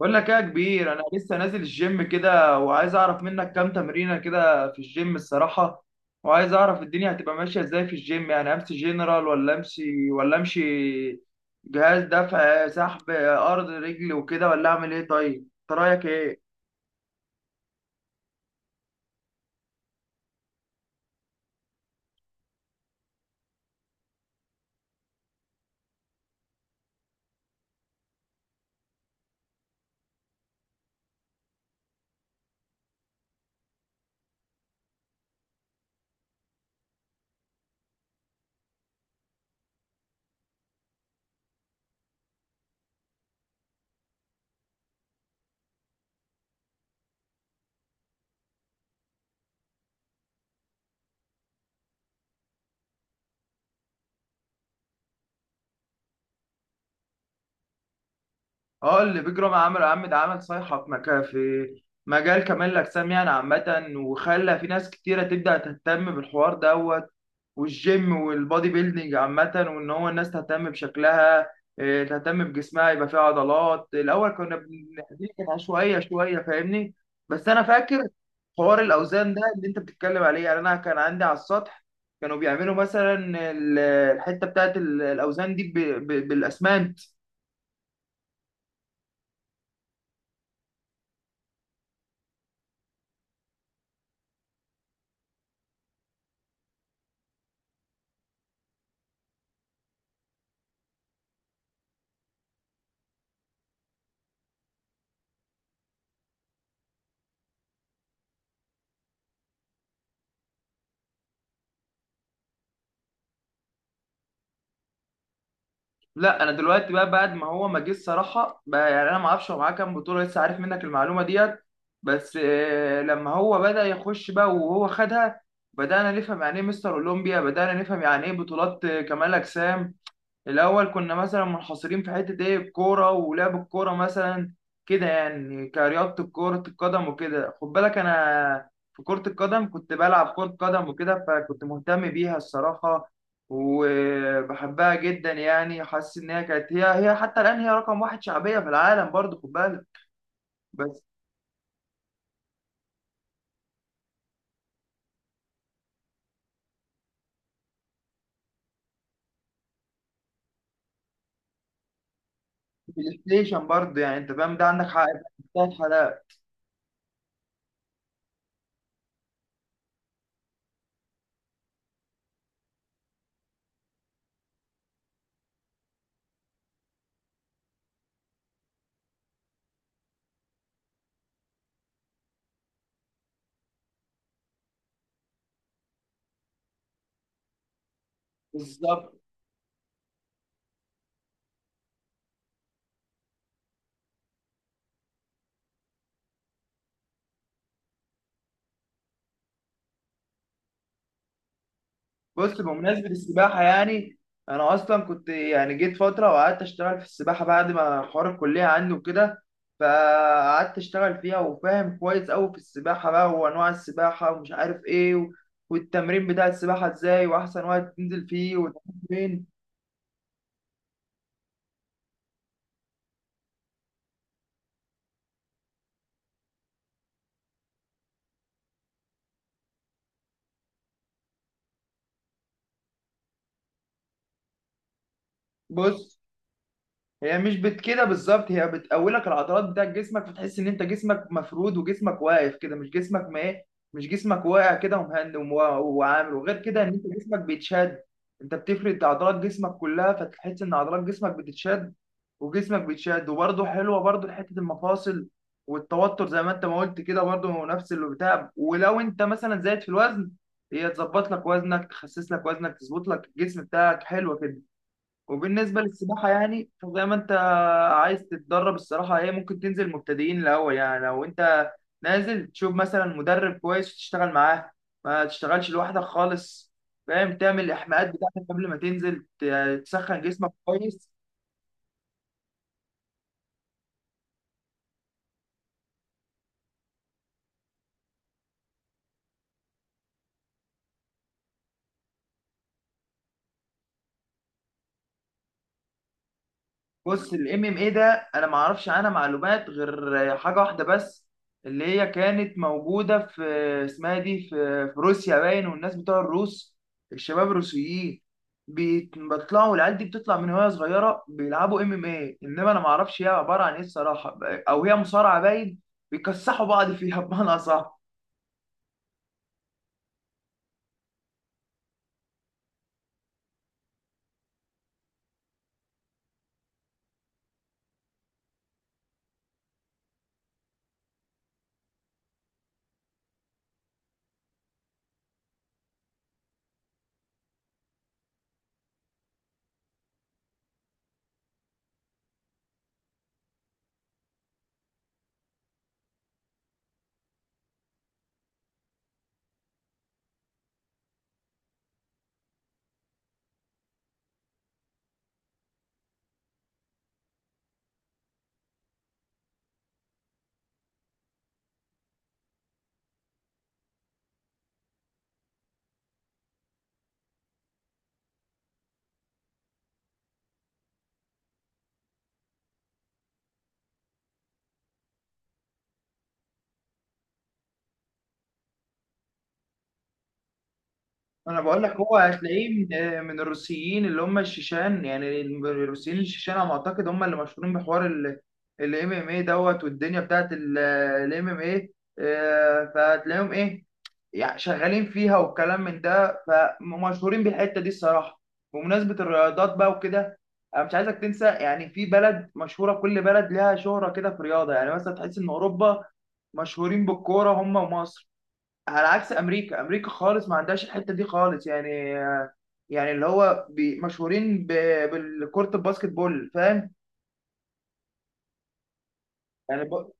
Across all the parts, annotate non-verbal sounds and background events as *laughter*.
بقول لك ايه يا كبير، انا لسه نازل الجيم كده وعايز اعرف منك كام تمرينه كده في الجيم الصراحه. وعايز اعرف الدنيا هتبقى ماشيه ازاي في الجيم، يعني امشي جنرال ولا امشي ولا امشي جهاز دفع سحب ارض رجل وكده، ولا اعمل ايه؟ طيب انت رايك ايه؟ اه، اللي بيجرام عمل عم ده عمل صيحة في مكان، في مجال كمال الأجسام يعني عامة، وخلى في ناس كتيرة تبدأ تهتم بالحوار دوت والجيم والبودي بيلدينج عامة، وإن هو الناس تهتم بشكلها، إيه، تهتم بجسمها، يبقى فيه عضلات. الأول كنا دي كانت عشوائية شوية فاهمني. بس أنا فاكر حوار الأوزان ده اللي أنت بتتكلم عليه، يعني أنا كان عندي على السطح كانوا بيعملوا مثلا ال- الحتة بتاعت الأوزان دي بالأسمنت. لا، انا دلوقتي بقى بعد ما هو ما جه الصراحه بقى، يعني انا ما اعرفش هو معاه كام بطوله، لسه عارف منك المعلومه ديت. بس لما هو بدا يخش بقى وهو خدها بدانا نفهم يعني ايه مستر اولمبيا، بدانا نفهم يعني ايه بطولات كمال اجسام. الاول كنا مثلا منحصرين في حته ايه، الكوره ولعب الكوره مثلا كده، يعني كرياضه كره القدم وكده. خد بالك انا في كره القدم كنت بلعب كره قدم وكده، فكنت مهتم بيها الصراحه وبحبها جدا. يعني حاسس ان هي كانت هي هي حتى الان، هي رقم واحد شعبيه في العالم برضه، خد بالك. بس بلاي ستيشن برضه يعني انت فاهم، ده عندك حق في حلقات. بالظبط. بص، بمناسبة السباحة يعني، أنا أصلا كنت يعني جيت فترة وقعدت أشتغل في السباحة بعد ما حوار الكلية عندي وكده، فقعدت أشتغل فيها وفاهم كويس أوي في السباحة بقى، وأنواع السباحة ومش عارف إيه والتمرين بتاع السباحة إزاي، وأحسن وقت تنزل فيه وتنزل فين. بص، هي مش بت كده بالظبط، هي بتقولك العضلات بتاعت جسمك، فتحس ان انت جسمك مفرود وجسمك واقف كده. مش جسمك ما ايه، مش جسمك واقع كده، ومهند وعامل وغير كده، ان انت جسمك بيتشد. انت بتفرد عضلات جسمك كلها، فتحس ان عضلات جسمك بتتشد وجسمك بيتشد. وبرضه حلوه برضه حته المفاصل والتوتر زي ما انت ما قلت كده، برضه هو نفس اللي بتاع. ولو انت مثلا زايد في الوزن، هي تظبط لك وزنك، تخسس لك وزنك، تظبط لك الجسم بتاعك، حلوه كده. وبالنسبة للسباحة يعني، فزي ما انت عايز تتدرب الصراحة، هي ممكن تنزل مبتدئين الأول، يعني لو انت نازل تشوف مثلا مدرب كويس وتشتغل معاه، ما تشتغلش لوحدك خالص، فاهم. تعمل الإحماءات بتاعتك قبل ما تنزل تسخن جسمك كويس. بص، الام ام اي ده انا ما اعرفش عنها معلومات غير حاجه واحده بس، اللي هي كانت موجوده في اسمها إيه دي، في روسيا باين. والناس بتوع الروس، الشباب الروسيين بيطلعوا العيال دي بتطلع من وهي صغيره بيلعبوا ام ام اي. انما انا ما اعرفش هي عباره عن ايه الصراحه، او هي مصارعه باين، بيكسحوا بعض فيها *laughs* بمعنى اصح. انا بقول لك هو هتلاقيه من الروسيين اللي هم الشيشان، يعني الروسيين الشيشان على ما اعتقد هم اللي مشهورين بحوار الام ام اي دوت والدنيا بتاعت الام ام اي. فهتلاقيهم ايه، يعني شغالين فيها والكلام من ده، فمشهورين بالحته دي الصراحه. بمناسبه الرياضات بقى وكده، انا مش عايزك تنسى، يعني في بلد مشهوره، كل بلد لها شهره كده في رياضه. يعني مثلا تحس ان اوروبا مشهورين بالكوره هم ومصر، على عكس امريكا. امريكا خالص ما عندهاش الحته دي خالص، يعني يعني اللي هو مشهورين بالكرة الباسكت بول فاهم. يعني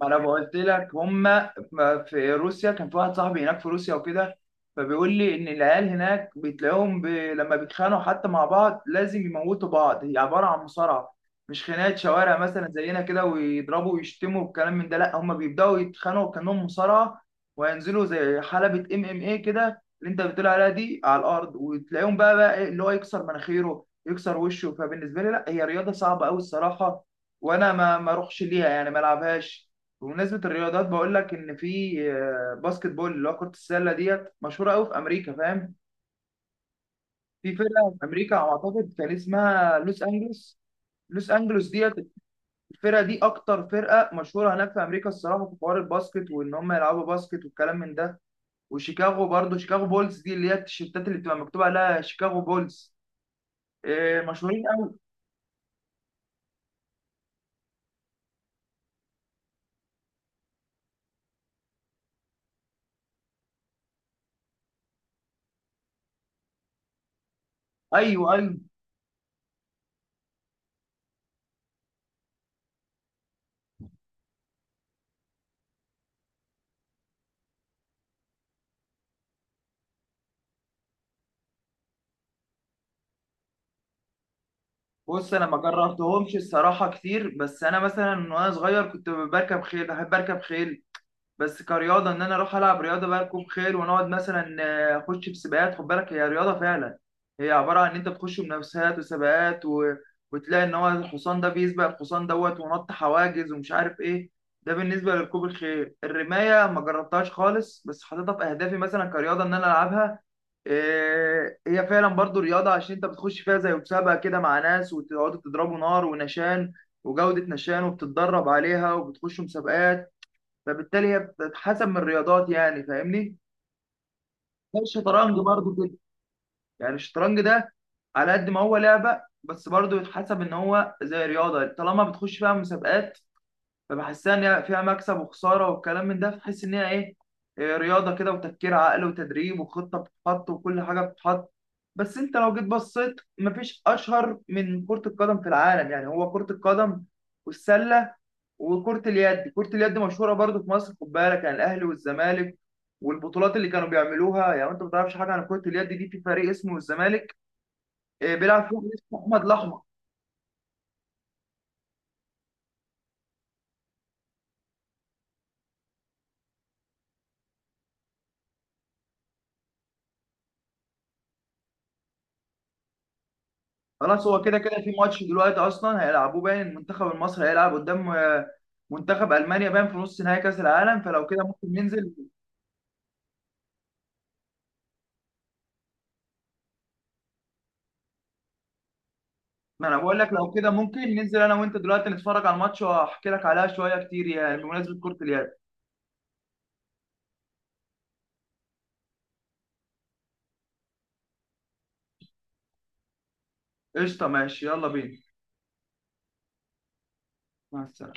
ما انا قلت لك هما في روسيا كان في واحد صاحبي هناك في روسيا وكده، فبيقول لي ان العيال هناك بتلاقيهم لما بيتخانقوا حتى مع بعض لازم يموتوا بعض. هي عباره عن مصارعه، مش خناقه شوارع مثلا زينا كده ويضربوا ويشتموا والكلام من ده. لا، هما بيبداوا يتخانقوا كانهم مصارعه، وينزلوا زي حلبه ام ام اي كده اللي انت بتقول عليها دي على الارض، وتلاقيهم بقى إيه اللي هو يكسر مناخيره يكسر وشه. فبالنسبه لي لا، هي رياضه صعبه قوي الصراحه، وانا ما اروحش ليها يعني، ما العبهاش. بمناسبة الرياضات، بقول لك إن في باسكت بول اللي هو كرة السلة ديت مشهورة أوي في أمريكا، فاهم؟ في فرقة في أمريكا أعتقد كان اسمها لوس أنجلوس. لوس أنجلوس ديت الفرقة دي أكتر فرقة مشهورة هناك في أمريكا الصراحة في حوار الباسكت، وإن هم يلعبوا باسكت والكلام من ده. وشيكاغو برضه، شيكاغو بولز دي اللي هي التيشيرتات اللي بتبقى مكتوب عليها شيكاغو بولز، مشهورين أوي. أيوه أيوه. بص، أنا ما جربتهمش الصراحة كتير، بس أنا مثلا وأنا صغير كنت بركب خيل، بحب أركب خيل. بس كرياضه ان انا اروح العب رياضه بقى ركوب خيل ونقعد مثلا اخش في سباقات. خد بالك هي رياضه فعلا، هي عباره عن ان انت بتخش منافسات وسباقات وتلاقي ان هو الحصان ده بيسبق الحصان دوت، ونط حواجز ومش عارف ايه. ده بالنسبه لركوب الخيل. الرمايه ما جربتهاش خالص، بس حاططها في اهدافي مثلا كرياضه ان انا العبها. إيه، هي فعلا برضو رياضه، عشان انت بتخش فيها زي مسابقه كده مع ناس، وتقعدوا تضربوا نار ونشان وجوده نشان، وبتتدرب عليها وبتخشوا مسابقات. فبالتالي هي بتتحسب من الرياضات، يعني فاهمني. زي الشطرنج برضو كده، يعني الشطرنج ده على قد ما هو لعبة، بس برضو يتحسب ان هو زي رياضة، طالما بتخش فيها مسابقات. فبحسها ان هي فيها مكسب وخساره والكلام من ده، فحس ان هي ايه، إيه، رياضه كده وتفكير عقل وتدريب وخطه بتتحط وكل حاجه بتتحط. بس انت لو جيت بصيت، مفيش اشهر من كره القدم في العالم. يعني هو كره القدم والسله وكرة اليد. كرة اليد مشهورة برضو في مصر، خد بالك يعني الأهلي والزمالك والبطولات اللي كانوا بيعملوها. يعني أنت ما تعرفش حاجة عن كرة اليد، دي في فريق اسمه الزمالك، بيلعب فيه اسمه أحمد الأحمر. خلاص، هو كده كده في ماتش دلوقتي أصلا هيلعبوه باين. المنتخب المصري هيلعب قدام منتخب المانيا باين في نص نهائي كاس العالم، فلو كده ممكن ننزل. ما انا بقول لك لو كده ممكن ننزل انا وانت دلوقتي، نتفرج على الماتش واحكي لك عليها شويه كتير يعني بمناسبه كره اليد. قشطه ماشي، يلا بينا. مع السلامه.